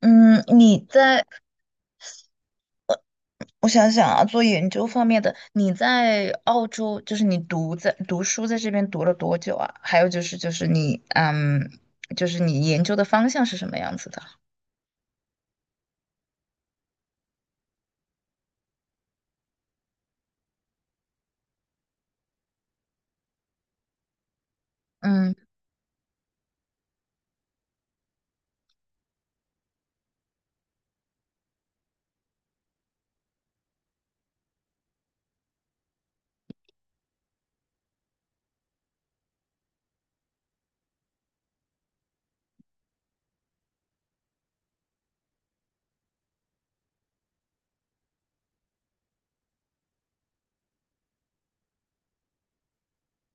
嗯，你在，我想想啊，做研究方面的，你在澳洲，就是你读在读书在这边读了多久啊？还有就是，就是你，就是你研究的方向是什么样子的？嗯，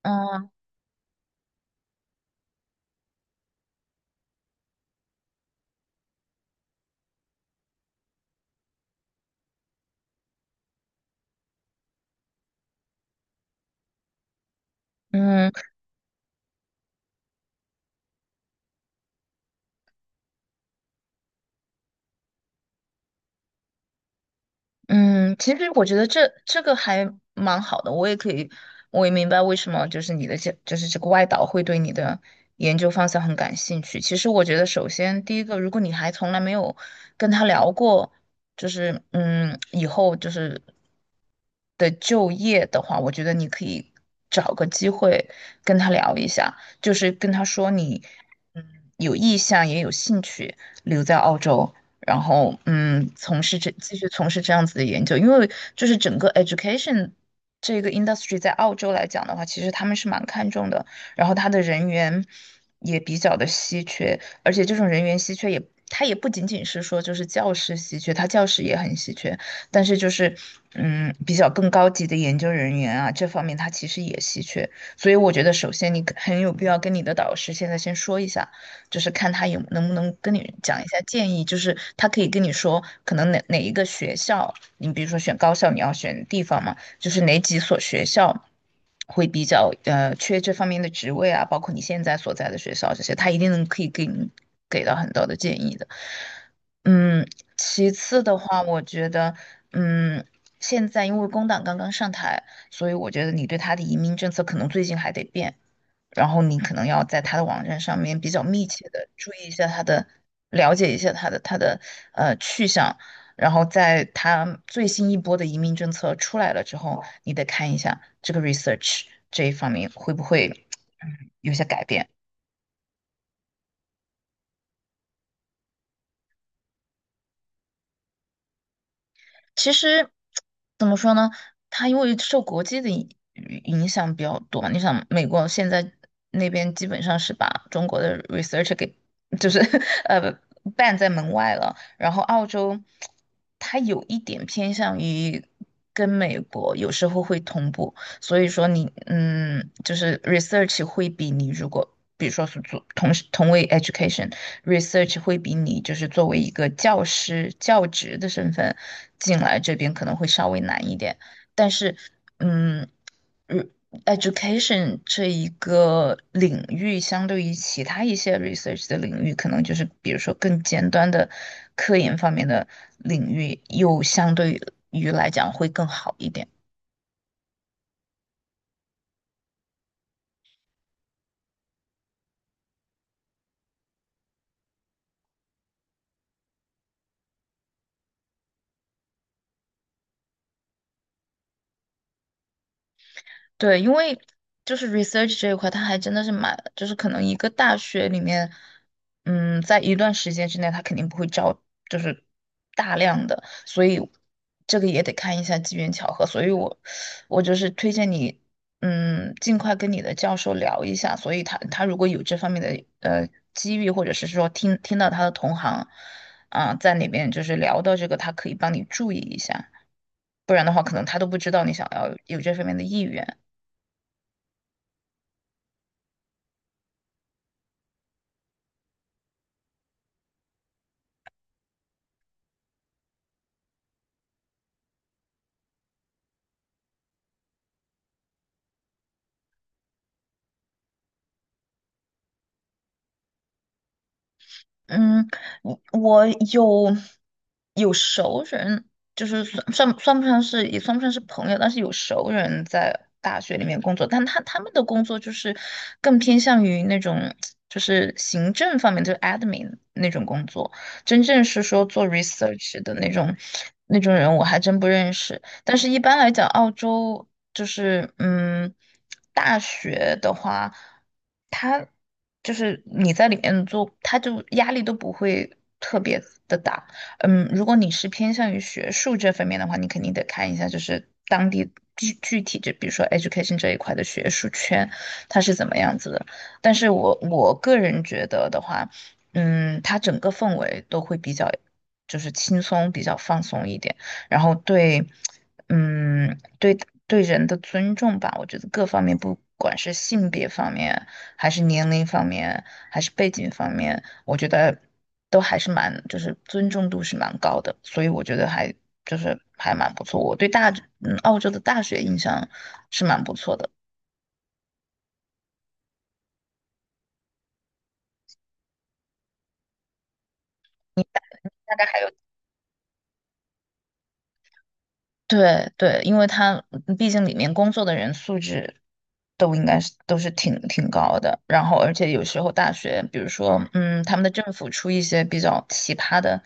哦，嗯嗯，其实我觉得这个还蛮好的，我也可以，我也明白为什么就是你的这就是这个外导会对你的研究方向很感兴趣。其实我觉得，首先第一个，如果你还从来没有跟他聊过，就是以后就是的就业的话，我觉得你可以找个机会跟他聊一下，就是跟他说你嗯有意向也有兴趣留在澳洲。然后从事这继续从事这样子的研究，因为就是整个 education 这个 industry 在澳洲来讲的话，其实他们是蛮看重的，然后他的人员也比较的稀缺，而且这种人员稀缺也。它也不仅仅是说就是教师稀缺，它教师也很稀缺，但是就是比较更高级的研究人员啊这方面它其实也稀缺，所以我觉得首先你很有必要跟你的导师现在先说一下，就是看他有能不能跟你讲一下建议，就是他可以跟你说，可能哪一个学校，你比如说选高校，你要选地方嘛，就是哪几所学校会比较缺这方面的职位啊，包括你现在所在的学校这些，他一定能可以给你给到很多的建议的。嗯，其次的话，我觉得，嗯，现在因为工党刚刚上台，所以我觉得你对他的移民政策可能最近还得变。然后你可能要在他的网站上面比较密切的注意一下他的，了解一下他的去向，然后在他最新一波的移民政策出来了之后，你得看一下这个 research 这一方面会不会嗯有些改变。其实怎么说呢？它因为受国际的影响比较多嘛你想美国现在那边基本上是把中国的 research 给就是 呃 ban 在门外了，然后澳洲它有一点偏向于跟美国有时候会同步，所以说你就是 research 会比你如果比如说是做同时同为 education research 会比你就是作为一个教师教职的身份进来这边可能会稍微难一点，但是嗯。嗯 education 这一个领域，相对于其他一些 research 的领域，可能就是比如说更尖端的科研方面的领域，又相对于来讲会更好一点。对，因为就是 research 这一块，它还真的是蛮，就是可能一个大学里面，嗯，在一段时间之内，他肯定不会招，就是大量的，所以这个也得看一下机缘巧合。所以我就是推荐你，嗯，尽快跟你的教授聊一下。所以他如果有这方面的机遇，或者是说听到他的同行啊、在里面就是聊到这个，他可以帮你注意一下，不然的话，可能他都不知道你想要有这方面的意愿。嗯，我有有熟人，就是算不上是朋友，但是有熟人在大学里面工作，但他们的工作就是更偏向于那种就是行政方面，就是 admin 那种工作，真正是说做 research 的那种人，我还真不认识。但是一般来讲，澳洲就是嗯，大学的话。他。就是你在里面做，他就压力都不会特别的大。嗯，如果你是偏向于学术这方面的话，你肯定得看一下，就是当地具体就比如说 education 这一块的学术圈，它是怎么样子的。但是我个人觉得的话，嗯，它整个氛围都会比较，就是轻松，比较放松一点，然后对，嗯，对对人的尊重吧，我觉得各方面不管是性别方面。还是年龄方面，还是背景方面，我觉得都还是蛮，就是尊重度是蛮高的，所以我觉得还就是还蛮不错。我对大，嗯，澳洲的大学印象是蛮不错的。你大概还有。对对，因为他毕竟里面工作的人素质都应该是都是挺挺高的，然后而且有时候大学，比如说嗯，他们的政府出一些比较奇葩的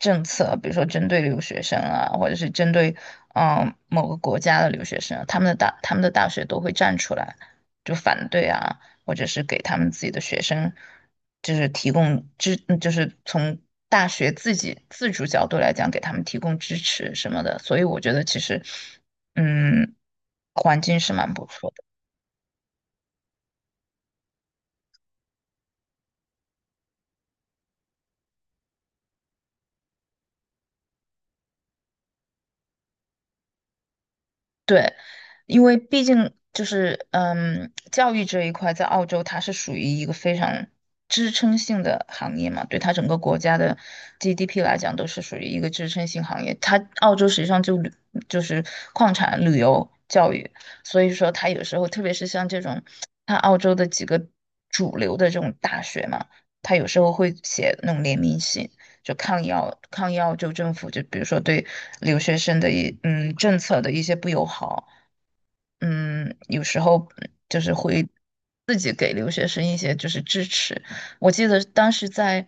政策，比如说针对留学生啊，或者是针对某个国家的留学生，他们的大学都会站出来就反对啊，或者是给他们自己的学生，就是提供支，就是从大学自己自主角度来讲，给他们提供支持什么的。所以我觉得其实，嗯，环境是蛮不错的。对，因为毕竟就是嗯，教育这一块在澳洲它是属于一个非常支撑性的行业嘛，对它整个国家的 GDP 来讲都是属于一个支撑性行业。它澳洲实际上就旅就是矿产、旅游、教育，所以说它有时候特别是像这种，它澳洲的几个主流的这种大学嘛，它有时候会写那种联名信。就抗议澳政府，就比如说对留学生的政策的一些不友好，嗯，有时候就是会自己给留学生一些就是支持。我记得当时在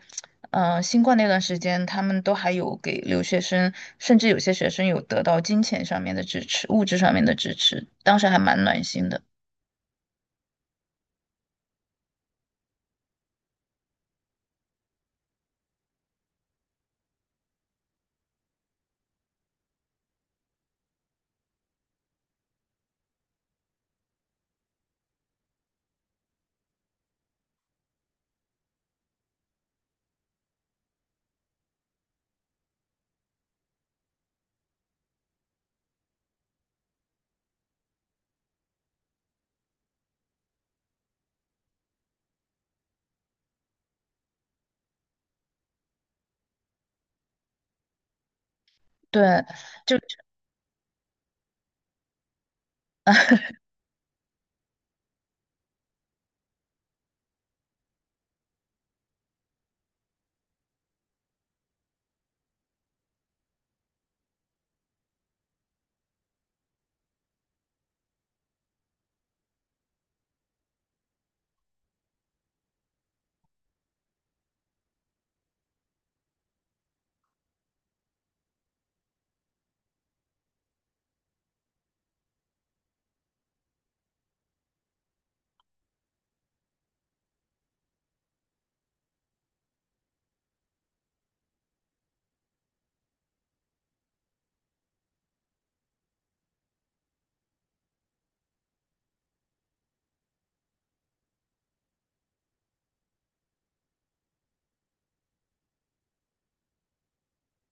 新冠那段时间，他们都还有给留学生，甚至有些学生有得到金钱上面的支持、物质上面的支持，当时还蛮暖心的。对，就。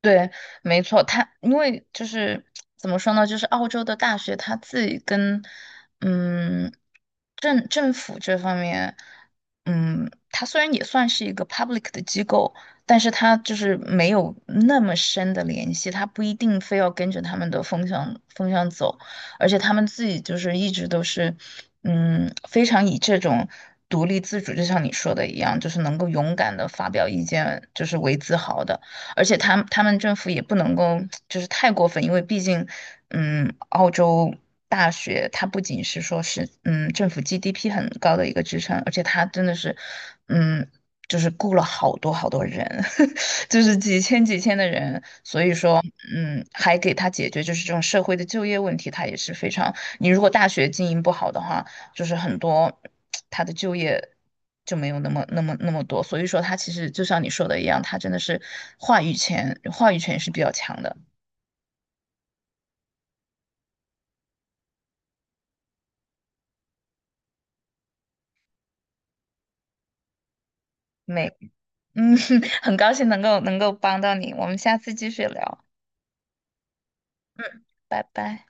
对，没错，他因为就是怎么说呢，就是澳洲的大学他自己跟嗯政府这方面，嗯，它虽然也算是一个 public 的机构，但是它就是没有那么深的联系，它不一定非要跟着他们的风向走，而且他们自己就是一直都是非常以这种。独立自主，就像你说的一样，就是能够勇敢的发表意见，就是为自豪的。而且他们政府也不能够就是太过分，因为毕竟，嗯，澳洲大学它不仅是说是政府 GDP 很高的一个支撑，而且它真的是，嗯，就是雇了好多好多人，就是几千几千的人，所以说，嗯，还给他解决就是这种社会的就业问题，它也是非常，你如果大学经营不好的话。就是很多他的就业就没有那么那么那么多，所以说他其实就像你说的一样，他真的是话语权是比较强的。没，嗯，很高兴能够帮到你，我们下次继续聊，拜拜。